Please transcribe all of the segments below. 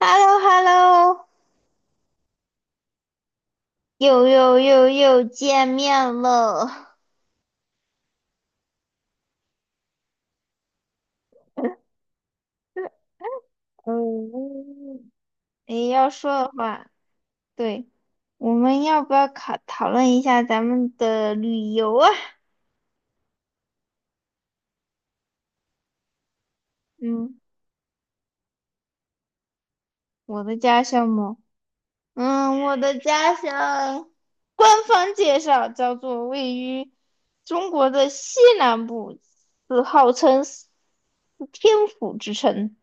h e l l o h e l l o 又又又又见面了。嗯，诶，要说的话，对，我们要不要讨论一下咱们的旅游啊？嗯，我的家乡吗？我的家乡，官方介绍叫做位于中国的西南部，是号称天府之城。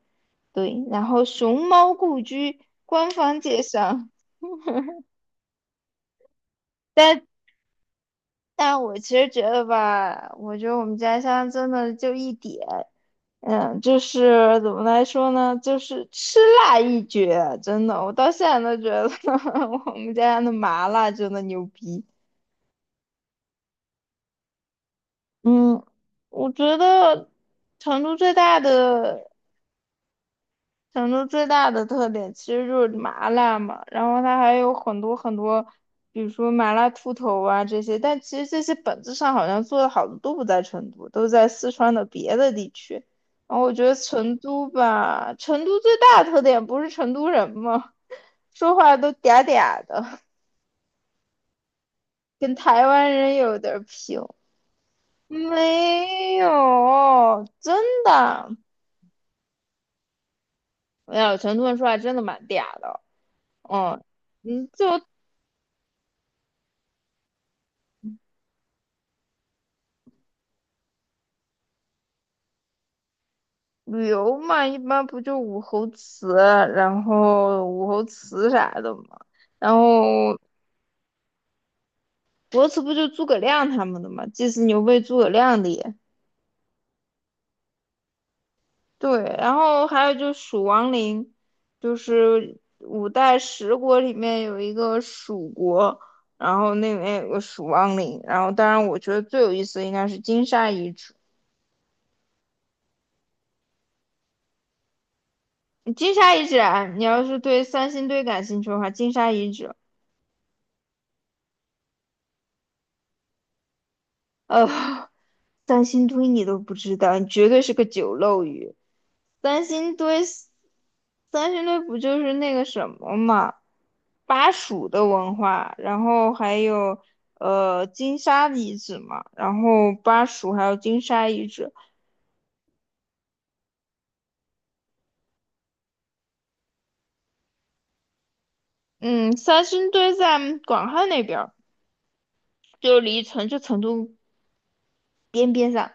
对，然后熊猫故居，官方介绍。但但我其实觉得吧，我觉得我们家乡真的就一点，就是怎么来说呢，就是吃辣一绝，真的，我到现在都觉得 我们家乡的麻辣真的牛逼。嗯，我觉得成都最大的成都最大的特点其实就是麻辣嘛，然后它还有很多很多，比如说麻辣兔头啊这些，但其实这些本质上好像做的好的都不在成都，都在四川的别的地区。然后我觉得成都吧，成都最大的特点不是成都人吗？说话都嗲嗲的，跟台湾人有点儿拼。没有，真的没有。成都人说话真的蛮嗲的，嗯嗯。旅游嘛，一般不就武侯祠，然后武侯祠啥的嘛，然后国祠不就诸葛亮他们的嘛，祭祀牛背诸葛亮的也对，然后还有就蜀王陵，就是五代十国里面有一个蜀国，然后那里面有个蜀王陵，然后当然我觉得最有意思的应该是金沙遗址，金沙遗址啊，你要是对三星堆感兴趣的话，金沙遗址，呃。三星堆你都不知道，你绝对是个酒漏鱼。三星堆，三星堆不就是那个什么嘛，巴蜀的文化，然后还有金沙遗址嘛，然后巴蜀还有金沙遗址。嗯，三星堆在广汉那边儿，就离成都边上，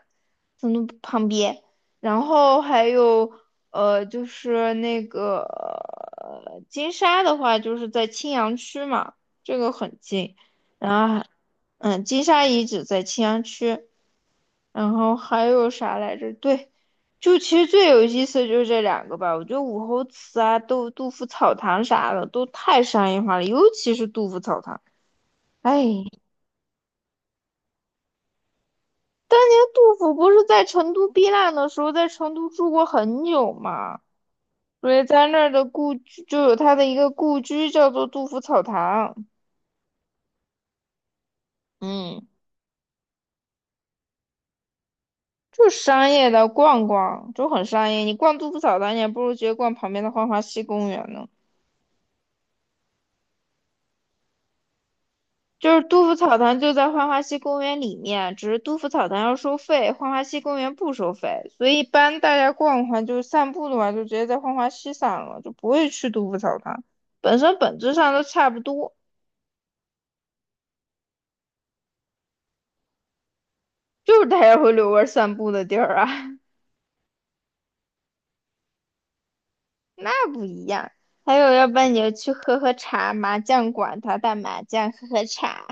成都旁边，然后还有就是那个金沙的话，就是在青羊区嘛，这个很近。然后还，金沙遗址在青羊区，然后还有啥来着？对，就其实最有意思的就是这两个吧。我觉得武侯祠啊、杜甫草堂啥的都太商业化了，尤其是杜甫草堂，哎。当年杜甫不是在成都避难的时候，在成都住过很久嘛，所以在那儿的故居就有他的一个故居，叫做杜甫草堂。嗯，就商业的逛逛，就很商业。你逛杜甫草堂，你还不如直接逛旁边的浣花溪公园呢。就是杜甫草堂就在浣花溪公园里面，只是杜甫草堂要收费，浣花溪公园不收费，所以一般大家逛逛就是散步的话，就直接在浣花溪散了，就不会去杜甫草堂。本身本质上都差不多。就是大家会遛弯儿散步的地儿啊，那不一样。还有，要不然你就去喝喝茶，麻将馆打打麻将，喝喝茶。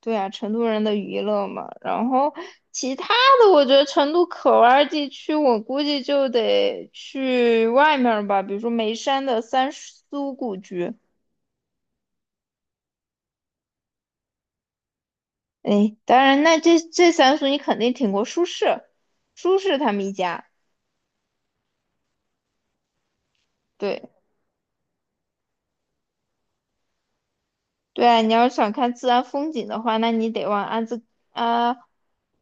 对啊，成都人的娱乐嘛。然后其他的，我觉得成都可玩儿地区，我估计就得去外面儿吧，比如说眉山的三苏故居。哎，当然，那这三苏你肯定听过，苏轼，苏轼他们一家。对，对啊，你要是想看自然风景的话，那你得往安子阿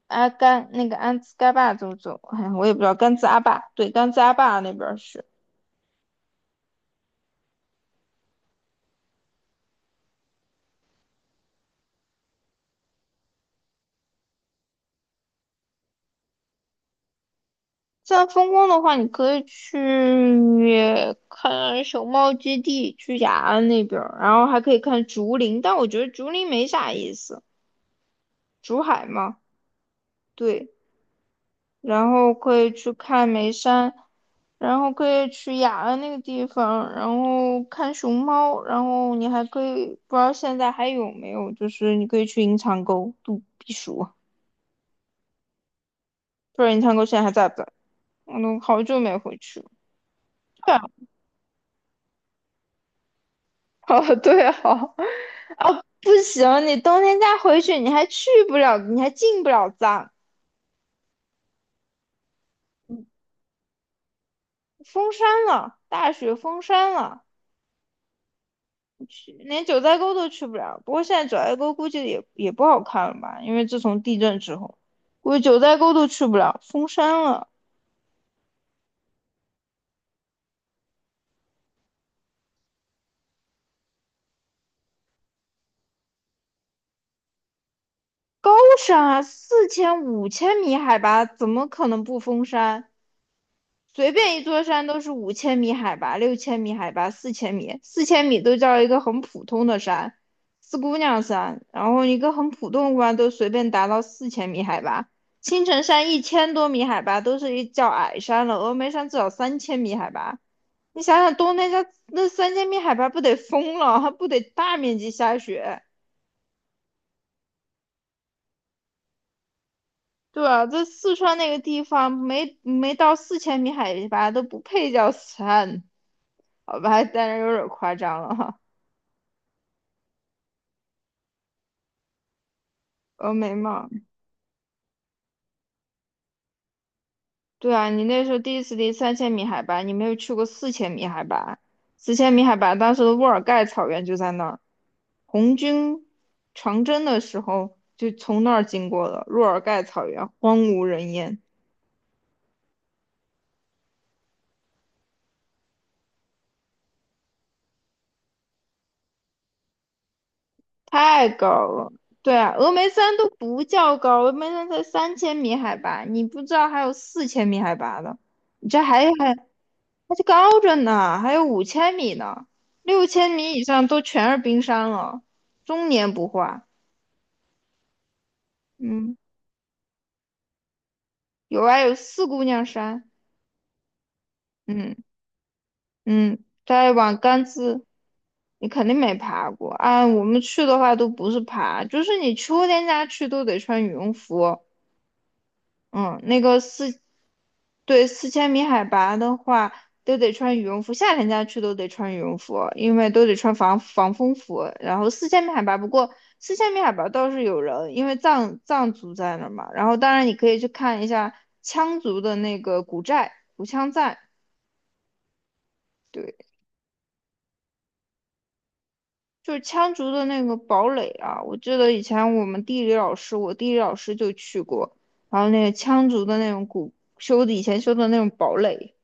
阿甘那个安兹盖坝走走。哎呀我也不知道甘孜阿坝，对，甘孜阿坝那边儿是自然风光的话，你可以去看熊猫基地、去雅安那边儿，然后还可以看竹林，但我觉得竹林没啥意思，竹海嘛，对。然后可以去看眉山，然后可以去雅安那个地方，然后看熊猫，然后你还可以不知道现在还有没有，就是你可以去银长沟度避暑，不知道银长沟现在还在不在？我都好久没回去了。对啊，哦对啊，不行，你冬天再回去，你还去不了，你还进不了藏，嗯封山了，大雪封山了。连九寨沟都去不了。不过现在九寨沟估计也不好看了吧？因为自从地震之后，估计九寨沟都去不了，封山了。高山啊，四千五千米海拔，怎么可能不封山？随便一座山都是五千米海拔、6000米海拔、四千米，四千米都叫一个很普通的山，四姑娘山。然后一个很普通的山都随便达到四千米海拔，青城山1000多米海拔都是一叫矮山了，峨眉山至少三千米海拔。你想想冬天家那三千米海拔不得疯了，还不得大面积下雪？对啊，这四川那个地方没到四千米海拔都不配叫山，好吧，当然有点夸张了哈。峨眉嘛，对啊，你那时候第一次离三千米海拔，你没有去过四千米海拔，四千米海拔当时的乌尔盖草原就在那儿，红军长征的时候就从那儿经过了，乌尔盖草原荒无人烟，太高了。对啊，峨眉山都不叫高，峨眉山才三千米海拔，你不知道还有四千米海拔的，你这还那就高着呢，还有五千米呢，6000米以上都全是冰山了，终年不化。嗯，有啊，有四姑娘山，嗯嗯，再往甘孜，你肯定没爬过。啊。我们去的话都不是爬，就是你秋天家去都得穿羽绒服，嗯，那个四，对，四千米海拔的话，都得穿羽绒服，夏天家去都得穿羽绒服，因为都得穿防风服。然后四千米海拔，不过四千米海拔倒是有人，因为藏族在那儿嘛。然后当然你可以去看一下羌族的那个古寨、古羌寨，对，就是羌族的那个堡垒啊。我记得以前我地理老师就去过，然后那个羌族的那种古修的以前修的那种堡垒。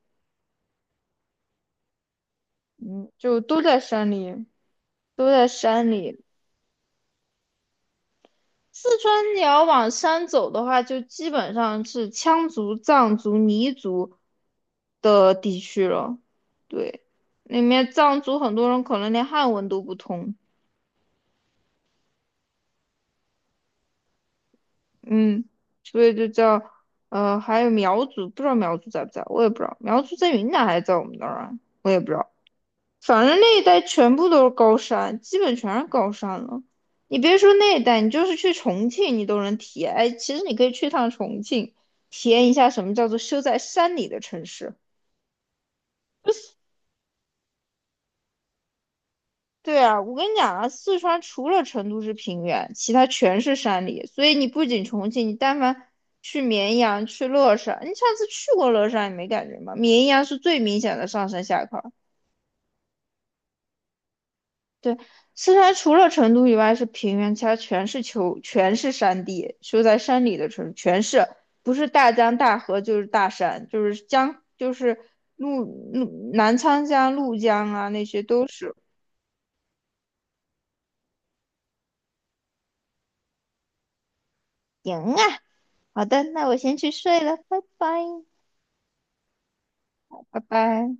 嗯，就都在山里，都在山里。四川你要往山走的话，就基本上是羌族、藏族、彝族的地区了。对，那面藏族很多人可能连汉文都不通，嗯，所以就叫还有苗族，不知道苗族在不在，我也不知道，苗族在云南还是在我们那儿啊，我也不知道。反正那一带全部都是高山，基本全是高山了。你别说那一带，你就是去重庆，你都能体验。哎，其实你可以去趟重庆，体验一下什么叫做修在山里的城市。对啊，我跟你讲啊，四川除了成都是平原，其他全是山里。所以你不仅重庆，你但凡去绵阳、去乐山，你上次去过乐山，你没感觉吗？绵阳是最明显的上山下坡。对，四川除了成都以外是平原，其他全是丘，全是山地，修在山里的城全是，不是大江大河就是大山，就是江，就是怒怒南沧江、怒江啊，那些都是。行啊，好的，那我先去睡了，拜拜，拜拜。